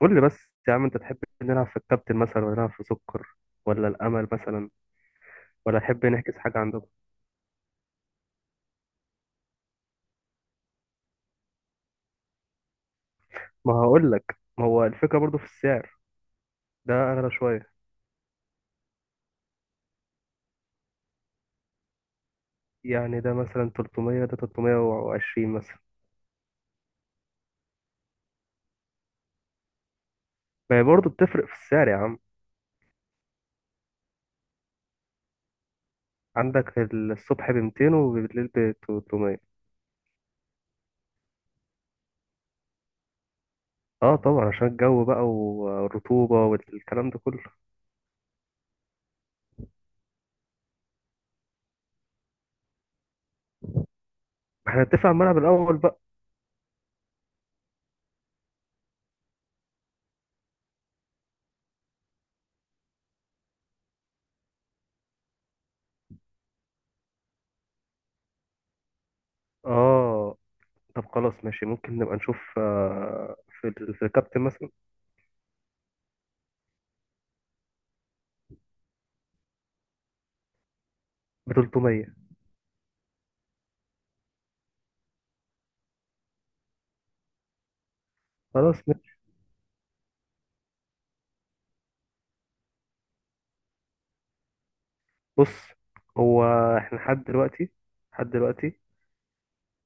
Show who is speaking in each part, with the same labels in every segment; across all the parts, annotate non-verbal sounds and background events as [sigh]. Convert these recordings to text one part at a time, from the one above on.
Speaker 1: قول لي بس يا عم، انت تحب نلعب في الكابتن مثلا ولا نلعب في سكر ولا الامل مثلا؟ ولا تحب نحجز حاجه عندكم؟ ما هقول لك، ما هو الفكره برضو في السعر، ده اغلى شويه. يعني ده مثلا 300، ده 320 مثلا. ما هي برضو بتفرق في السعر يا عم. عندك الصبح ب 200 وبالليل ب 300. اه طبعا، عشان الجو بقى والرطوبه والكلام ده كله. احنا نتفق على الملعب الاول بقى. اه، طب خلاص ماشي، ممكن نبقى نشوف في الكابتن مثلا ب 300. خلاص. بص هو احنا لحد دلوقتي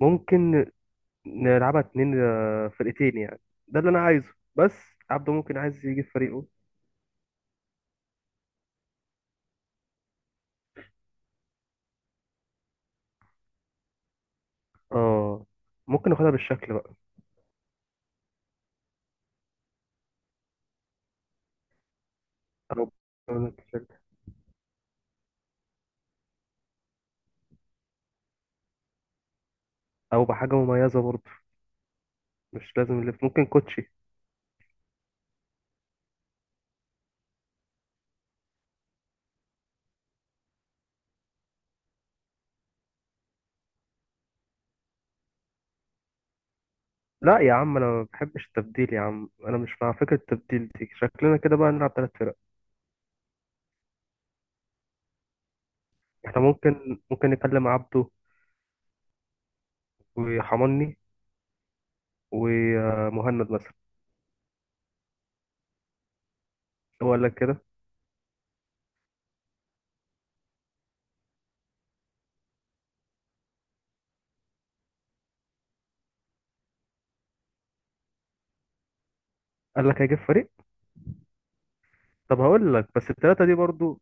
Speaker 1: ممكن نلعبها اتنين، فرقتين يعني. ده اللي انا عايزه بس. عبده ممكن عايز يجي في فريقه. اه، ممكن ناخدها بالشكل بقى. او [laughs] او بحاجه مميزه برضه، مش لازم اللي ممكن كوتشي. لا يا عم، انا ما بحبش التبديل يا عم، انا مش مع فكره التبديل دي. شكلنا كده بقى نلعب ثلاث فرق. احنا ممكن نكلم عبده وحماني ومهند مثلا. هو قال لك كده؟ قال لك هيجيب فريق؟ طب هقول لك، بس التلاتة دي برضو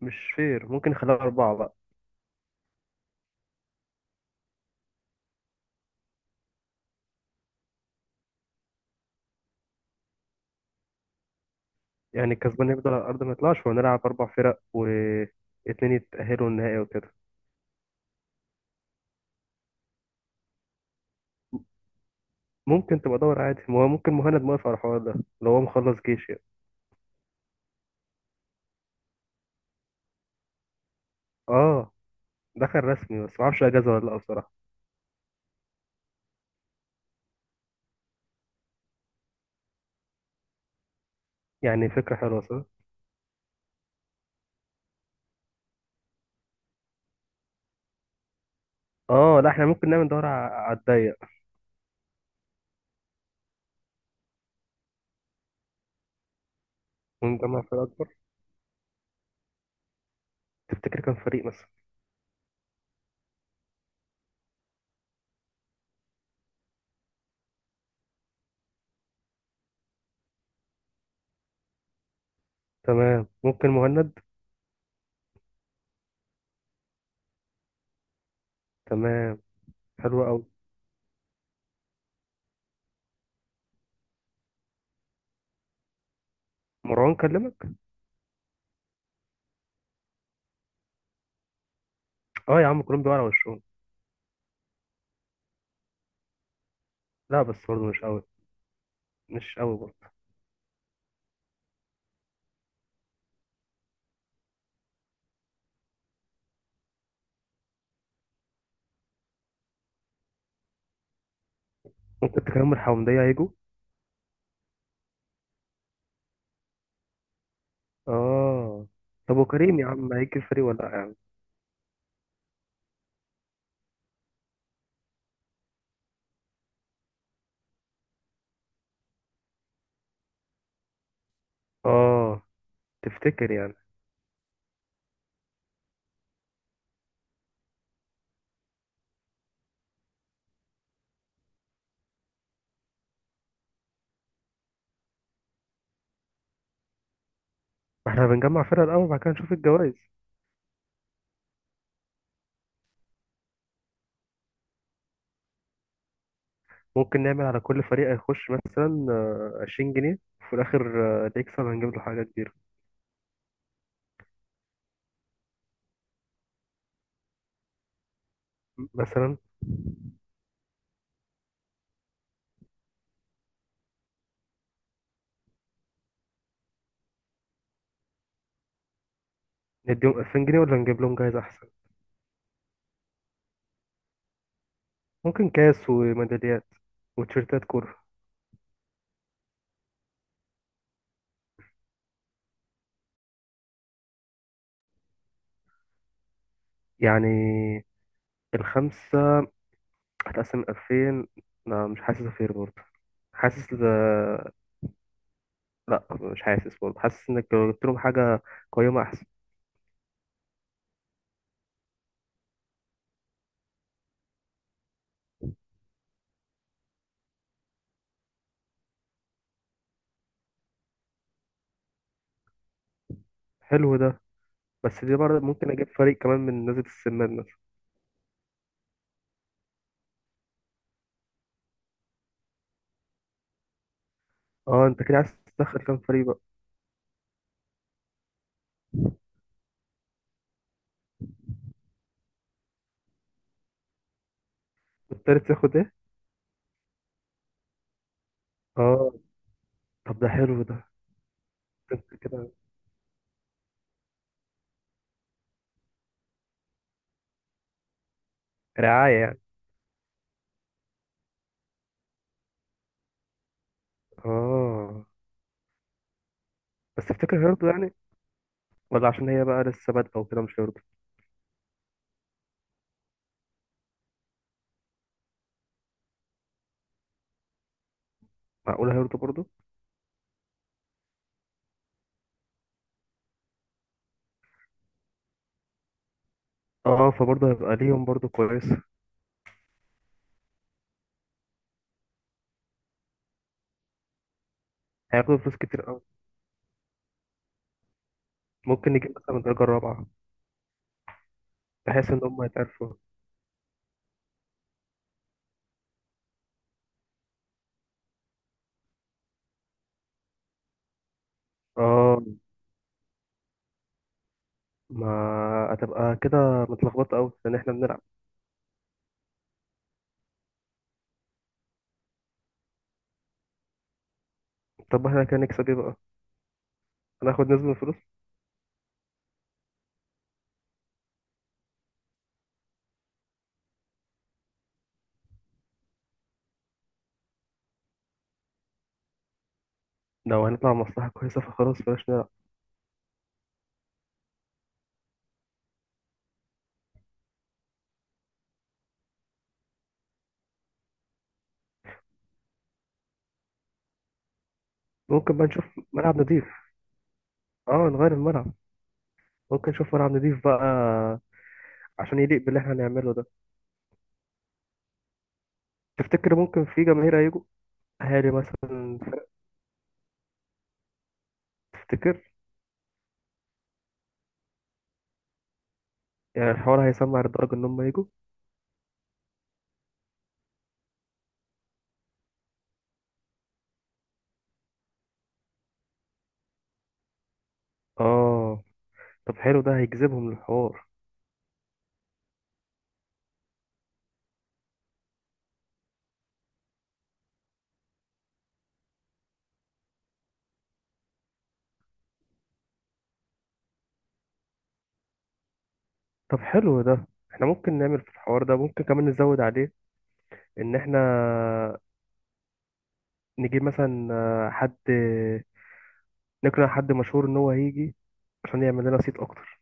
Speaker 1: مش فير، ممكن نخليها أربعة بقى. يعني الكسبان يفضل على الأرض ما يطلعش ونلعب أربع فرق واتنين يتأهلوا النهائي وكده. ممكن تبقى دور عادي، ما هو ممكن مهند موافق على الحوار ده لو هو مخلص جيش يعني. اه، دخل رسمي بس معرفش أجازة ولا لأ بصراحة. يعني فكرة حلوة صح؟ اه، لا احنا ممكن نعمل دورة على الضيق ونجمع فرق أكبر. تفتكر كام فريق مثلا؟ تمام ممكن مهند. تمام حلو أوي. مروان كلمك؟ اه يا عم، كلهم بيقعوا على وشهم. لا بس برضه مش أوي برضه. ممكن تكرم الحومدية هيجوا؟ اه، طب وكريم يا عم هيجي الفريق ولا لا يعني؟ اه تفتكر يعني. ما احنا بنجمع فرق الاول، بعد كده نشوف الجوائز. ممكن نعمل على كل فريق هيخش مثلا 20 جنيه، وفي الاخر اللي يكسب هنجيب له حاجة كبيرة. مثلا نديهم 2000 جنيه ولا نجيب لهم جايزة احسن؟ ممكن كاس وميداليات وتيشيرتات كورة. يعني الخمسة هتقسم 2000؟ لا مش حاسس فير برضه، حاسس ده. لا مش حاسس برضه، حاسس انك لو جبت لهم حاجه قيمه احسن. حلو ده. بس دي برضه ممكن اجيب فريق كمان من نزلة السمان مثلا. اه، انت كده عايز تدخل كام فريق بقى؟ التالت ياخد ايه؟ اه طب ده حلو ده. انت كده، رعايه يعني. اه بس تفتكر هيرضوا يعني؟ ولا عشان هي بقى لسه بادئه وكده مش هيرضوا؟ معقوله هيرضوا برضه؟ اه فبرضه هيبقى ليهم برضه كويسه. هياخدوا فلوس كتير قوي. ممكن نجيب مثلا من الدرجه الرابعه بحيث ان هم يتعرفوا. اه، ما هتبقى كده متلخبطه قوي لان احنا بنلعب. طب احنا كده نكسب ايه بقى؟ هناخد نسبة من الفلوس؟ لو هنطلع مصلحة كويسة فخلاص بلاش نلعب. ممكن بقى نشوف ملعب نضيف. اه، نغير الملعب. ممكن نشوف ملعب نضيف بقى عشان يليق باللي احنا هنعمله ده. تفتكر ممكن في جماهير هيجوا؟ اهالي مثلا فرق؟ تفتكر يعني الحوار هيسمع لدرجة ان هم يجوا؟ اه طب حلو ده، هيجذبهم للحوار. طب حلو ده، احنا ممكن نعمل في الحوار ده، ممكن كمان نزود عليه. ان احنا نجيب مثلا حد، نقنع حد مشهور ان هو هيجي عشان يعمل لنا صيت اكتر.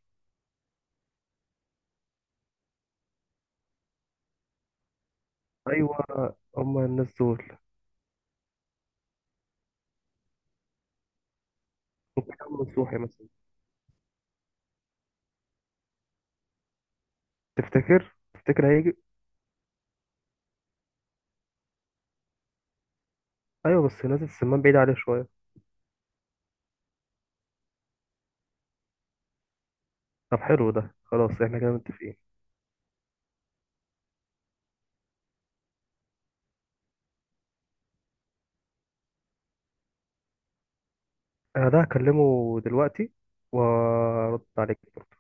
Speaker 1: ايوه، هما الناس دول. ممكن يعمل نصوحي مثلا. تفتكر هيجي؟ ايوه بس نازل السمان بعيد عليه شويه. طب حلو ده، خلاص احنا كده متفقين. انا ده هكلمه دلوقتي وارد عليك برضه.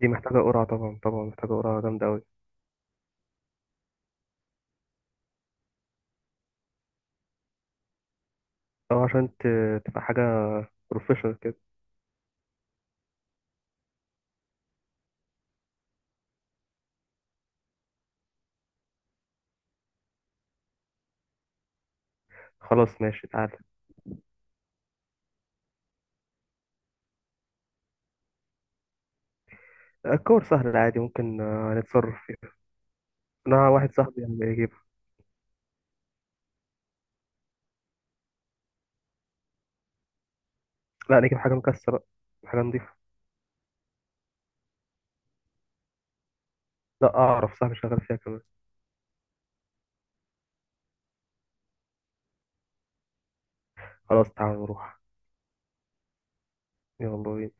Speaker 1: دي محتاجه قرعه طبعا، طبعا محتاجه قرعه جامده قوي. او عشان تبقى حاجه بروفيشنال كده. خلاص ماشي، تعالى. الكور سهل عادي، ممكن نتصرف فيها. انا واحد صاحبي يعني يجيب. لا، نجيب حاجه مكسره، حاجه نضيفه. لا اعرف، صاحبي شغال فيها كمان. خلاص تعالى نروح. يلا بينا.